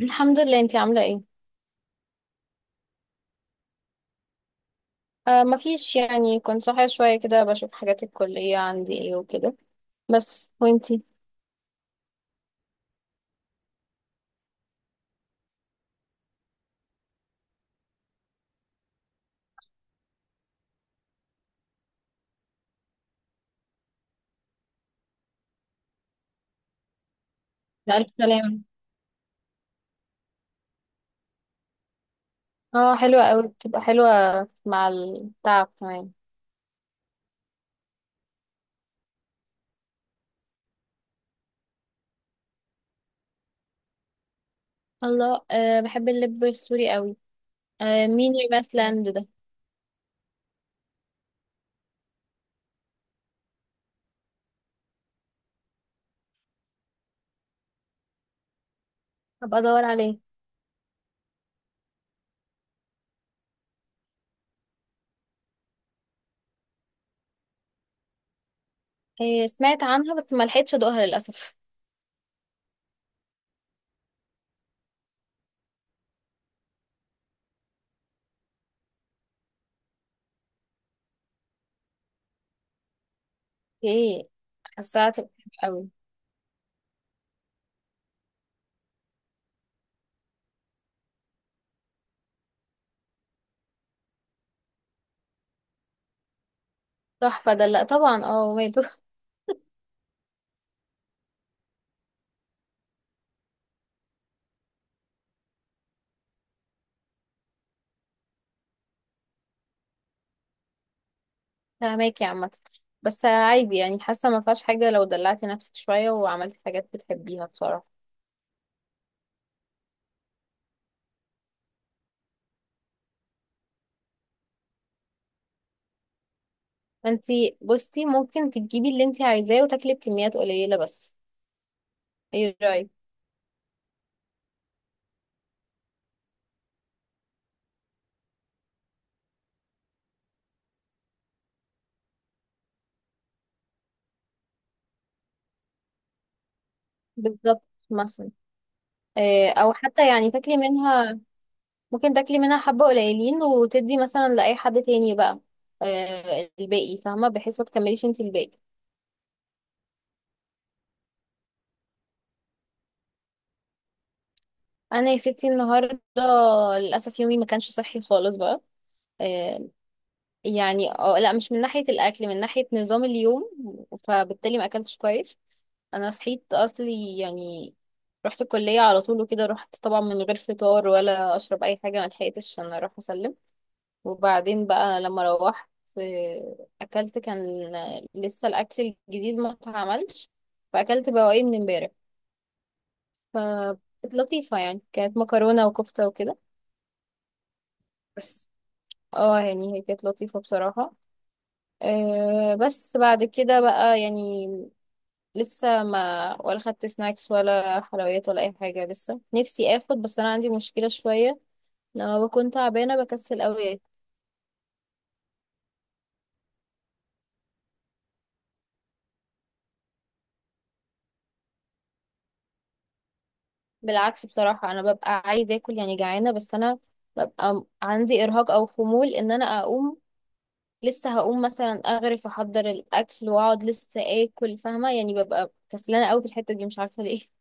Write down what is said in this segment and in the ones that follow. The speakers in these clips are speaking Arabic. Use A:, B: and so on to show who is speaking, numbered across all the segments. A: الحمد لله، انتي عاملة ايه؟ آه، مفيش يعني. كنت صاحية شوية كده بشوف حاجات الكلية عندي ايه وكده. بس وانتي؟ بألف سلامة. اه حلوة اوي، بتبقى حلوة مع التعب كمان. الله، آه بحب اللب السوري اوي. آه، مين ريماس لاند ده؟ هبقى ادور عليه. آه سمعت عنها بس ما لحقتش ادوقها للأسف. ايه، حاساها تبقى حلوة اوي. تحفة ده، لا طبعا اه وماله. فاهماكي عامة، بس عادي يعني، حاسة ما فيهاش حاجة لو دلعتي نفسك شوية وعملتي حاجات بتحبيها بصراحة. انتي بصي ممكن تجيبي اللي انتي عايزاه وتاكلي بكميات قليلة بس، ايه رأيك؟ بالظبط، مثلا او حتى يعني تاكلي منها. ممكن تاكلي منها حبة قليلين وتدي مثلا لأي حد تاني بقى الباقي، فاهمة، بحيث ما تكمليش انتي الباقي. انا يا ستي النهاردة للأسف يومي ما كانش صحي خالص بقى. آه، يعني اه لا، مش من ناحية الأكل، من ناحية نظام اليوم، فبالتالي ما أكلتش كويس. أنا صحيت أصلي يعني رحت الكلية على طول وكده، رحت طبعا من غير فطار ولا أشرب أي حاجة، ما لحقتش عشان أروح أسلم. وبعدين بقى لما روحت، أكلت. كان لسه الأكل الجديد ما اتعملش، فأكلت بواقي من امبارح، فكانت لطيفة يعني. كانت مكرونة وكفتة وكده بس. اه يعني هي كانت لطيفة بصراحة. أه بس بعد كده بقى يعني، لسه ما ولا خدت سناكس ولا حلويات ولا اي حاجه. لسه نفسي اخد بس انا عندي مشكله شويه، لما بكون تعبانه بكسل قوي اكل. بالعكس بصراحه، انا ببقى عايزه اكل يعني، جعانه، بس انا ببقى عندي ارهاق او خمول ان انا اقوم. لسه هقوم مثلا اغرف احضر الاكل واقعد لسه اكل، فاهمه يعني. ببقى كسلانه قوي في الحته دي، مش عارفه ليه.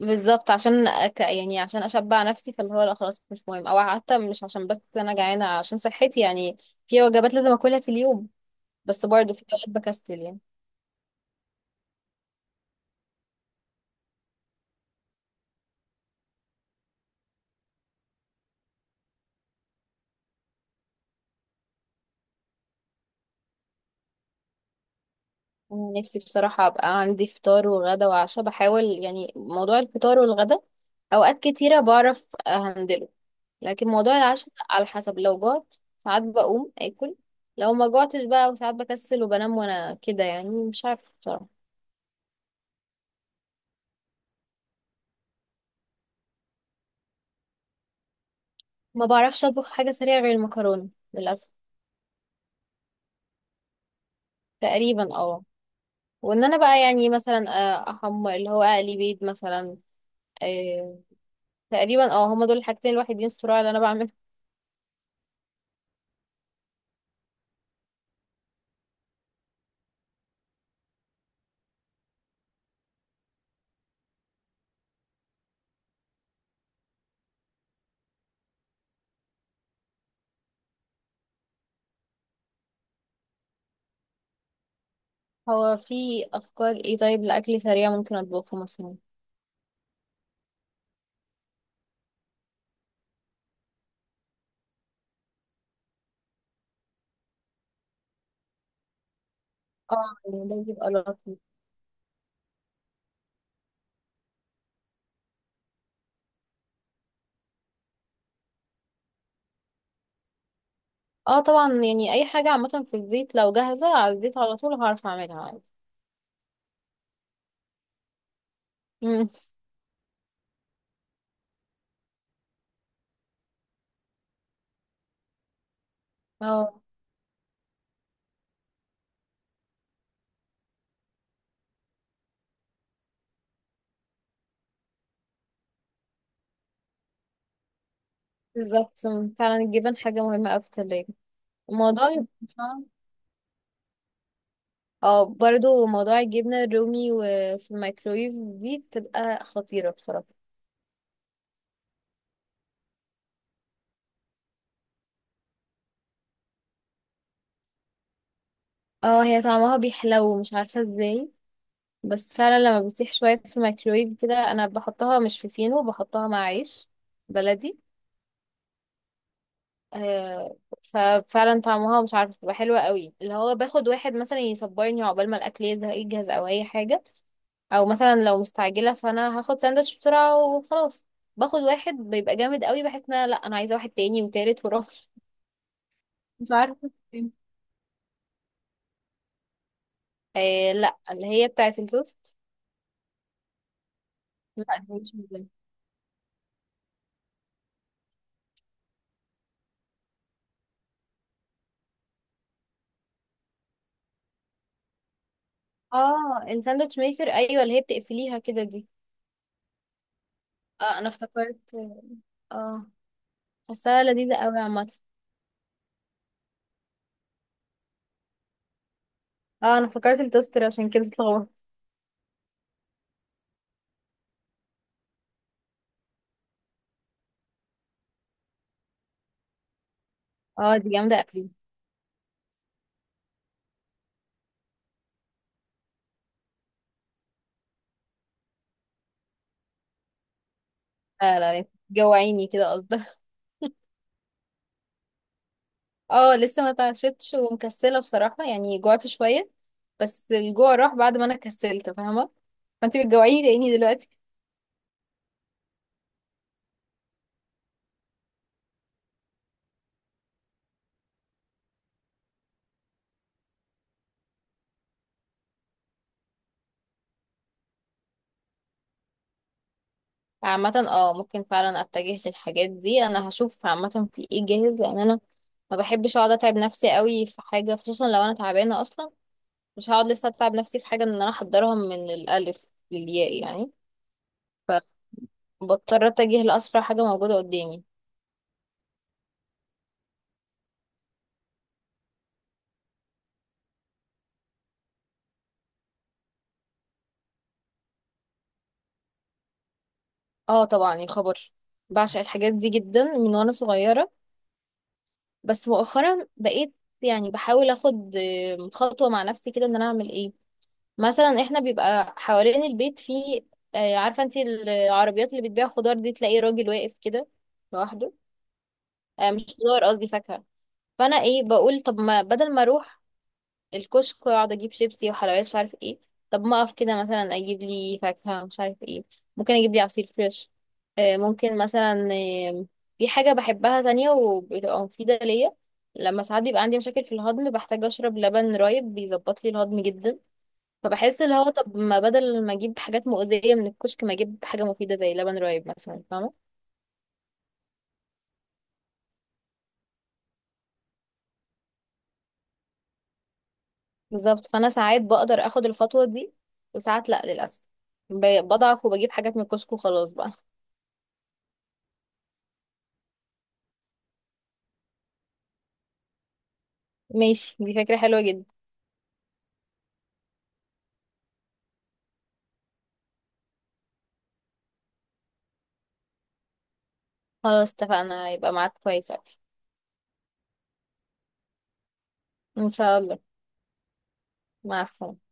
A: بالظبط، عشان يعني عشان اشبع نفسي، فاللي هو لا خلاص مش مهم. او حتى مش عشان بس انا جعانه، عشان صحتي يعني في وجبات لازم اكلها في اليوم. بس برضه في اوقات بكسل يعني. أنا نفسي بصراحة أبقى عندي فطار وغدا وعشاء. بحاول يعني، موضوع الفطار والغدا أوقات كتيرة بعرف أهندله، لكن موضوع العشاء على حسب، لو جعت ساعات بقوم آكل، لو ما جعتش بقى وساعات بكسل وبنام. وأنا كده يعني مش عارفة بصراحة. ما بعرفش أطبخ حاجة سريعة غير المكرونة للأسف. تقريبا اه، وإن أنا بقى يعني مثلا أحمر، اللي هو أقلي بيض مثلا. آه، تقريبا اه، هما دول الحاجتين الوحيدين الصراع اللي أنا بعمل. هو في افكار ايه طيب لاكل سريع ممكن اطبخه مثلا؟ اه يعني ده بيبقى لطيف. اه طبعا، يعني اي حاجه عامه في الزيت، لو جاهزه على الزيت على طول هعرف اعملها عادي. مم. اه بالظبط. مم. فعلا الجبن حاجه مهمه قوي في التلاجة، الموضوع يبقى صعب. اه برضو موضوع الجبنه الرومي وفي الميكرويف دي بتبقى خطيره بصراحه. اه هي طعمها بيحلو مش عارفه ازاي. بس فعلا لما بتسيح شويه في الميكرويف كده، انا بحطها مش في فينو، بحطها مع عيش بلدي. آه، ففعلا طعمها مش عارفه بتبقى حلوه قوي. اللي هو باخد واحد مثلا يصبرني عقبال ما الاكل يزهق يجهز او اي حاجه. او مثلا لو مستعجله فانا هاخد ساندوتش بسرعه وخلاص. باخد واحد بيبقى جامد قوي، بحس ان أنا لا انا عايزه واحد تاني وتالت ورابع. مش عارفه إيه. آه لا، اللي هي بتاعه التوست. لا دي مش موجودة. اه الساندوتش ميكر، ايوه اللي هي بتقفليها كده دي. اه انا افتكرت. اه حاساها لذيذه قوي عامه. اه انا افتكرت التوستر عشان كده اتلخبطت. اه دي جامده قوي. لا لا، انت جوعيني كده قصدك. اه لسه ما اتعشتش ومكسله بصراحه، يعني جوعت شويه بس الجوع راح بعد ما انا كسلت، فاهمه، فانت بتجوعيني لاني دلوقتي. عامه اه، ممكن فعلا اتجه للحاجات دي. انا هشوف عامه في ايه جاهز، لان انا ما بحبش اقعد اتعب نفسي قوي في حاجه، خصوصا لو انا تعبانه اصلا. مش هقعد لسه اتعب نفسي في حاجه ان انا احضرها من الالف للياء يعني، فبضطر اتجه لاسرع حاجه موجوده قدامي. اه طبعا الخبر، بعشق الحاجات دي جدا من وانا صغيره. بس مؤخرا بقيت يعني بحاول اخد خطوة مع نفسي كده ان انا اعمل ايه. مثلا احنا بيبقى حوالين البيت في عارفة انت العربيات اللي بتبيع خضار دي، تلاقي راجل واقف كده لوحده. مش خضار قصدي، فاكهة. فانا ايه بقول طب ما بدل ما اروح الكشك واقعد اجيب شيبسي وحلويات مش عارف ايه، طب ما اقف كده مثلا اجيب لي فاكهة مش عارف ايه. ممكن اجيب لي عصير فريش، ممكن مثلا. آه، في حاجة بحبها تانية وبتبقى مفيدة ليا، لما ساعات بيبقى عندي مشاكل في الهضم بحتاج اشرب لبن رايب، بيظبط لي الهضم جدا. فبحس اللي هو طب ما بدل ما اجيب حاجات مؤذية من الكشك، ما اجيب حاجة مفيدة زي لبن رايب مثلا، فاهمة. بالظبط، فانا ساعات بقدر اخد الخطوة دي وساعات لا للأسف. بضعف وبجيب حاجات من الكشك وخلاص بقى. ماشي، دي فكرة حلوة جدا. خلاص اتفقنا، يبقى معاك كويس أوي. ان شاء الله. مع السلامة.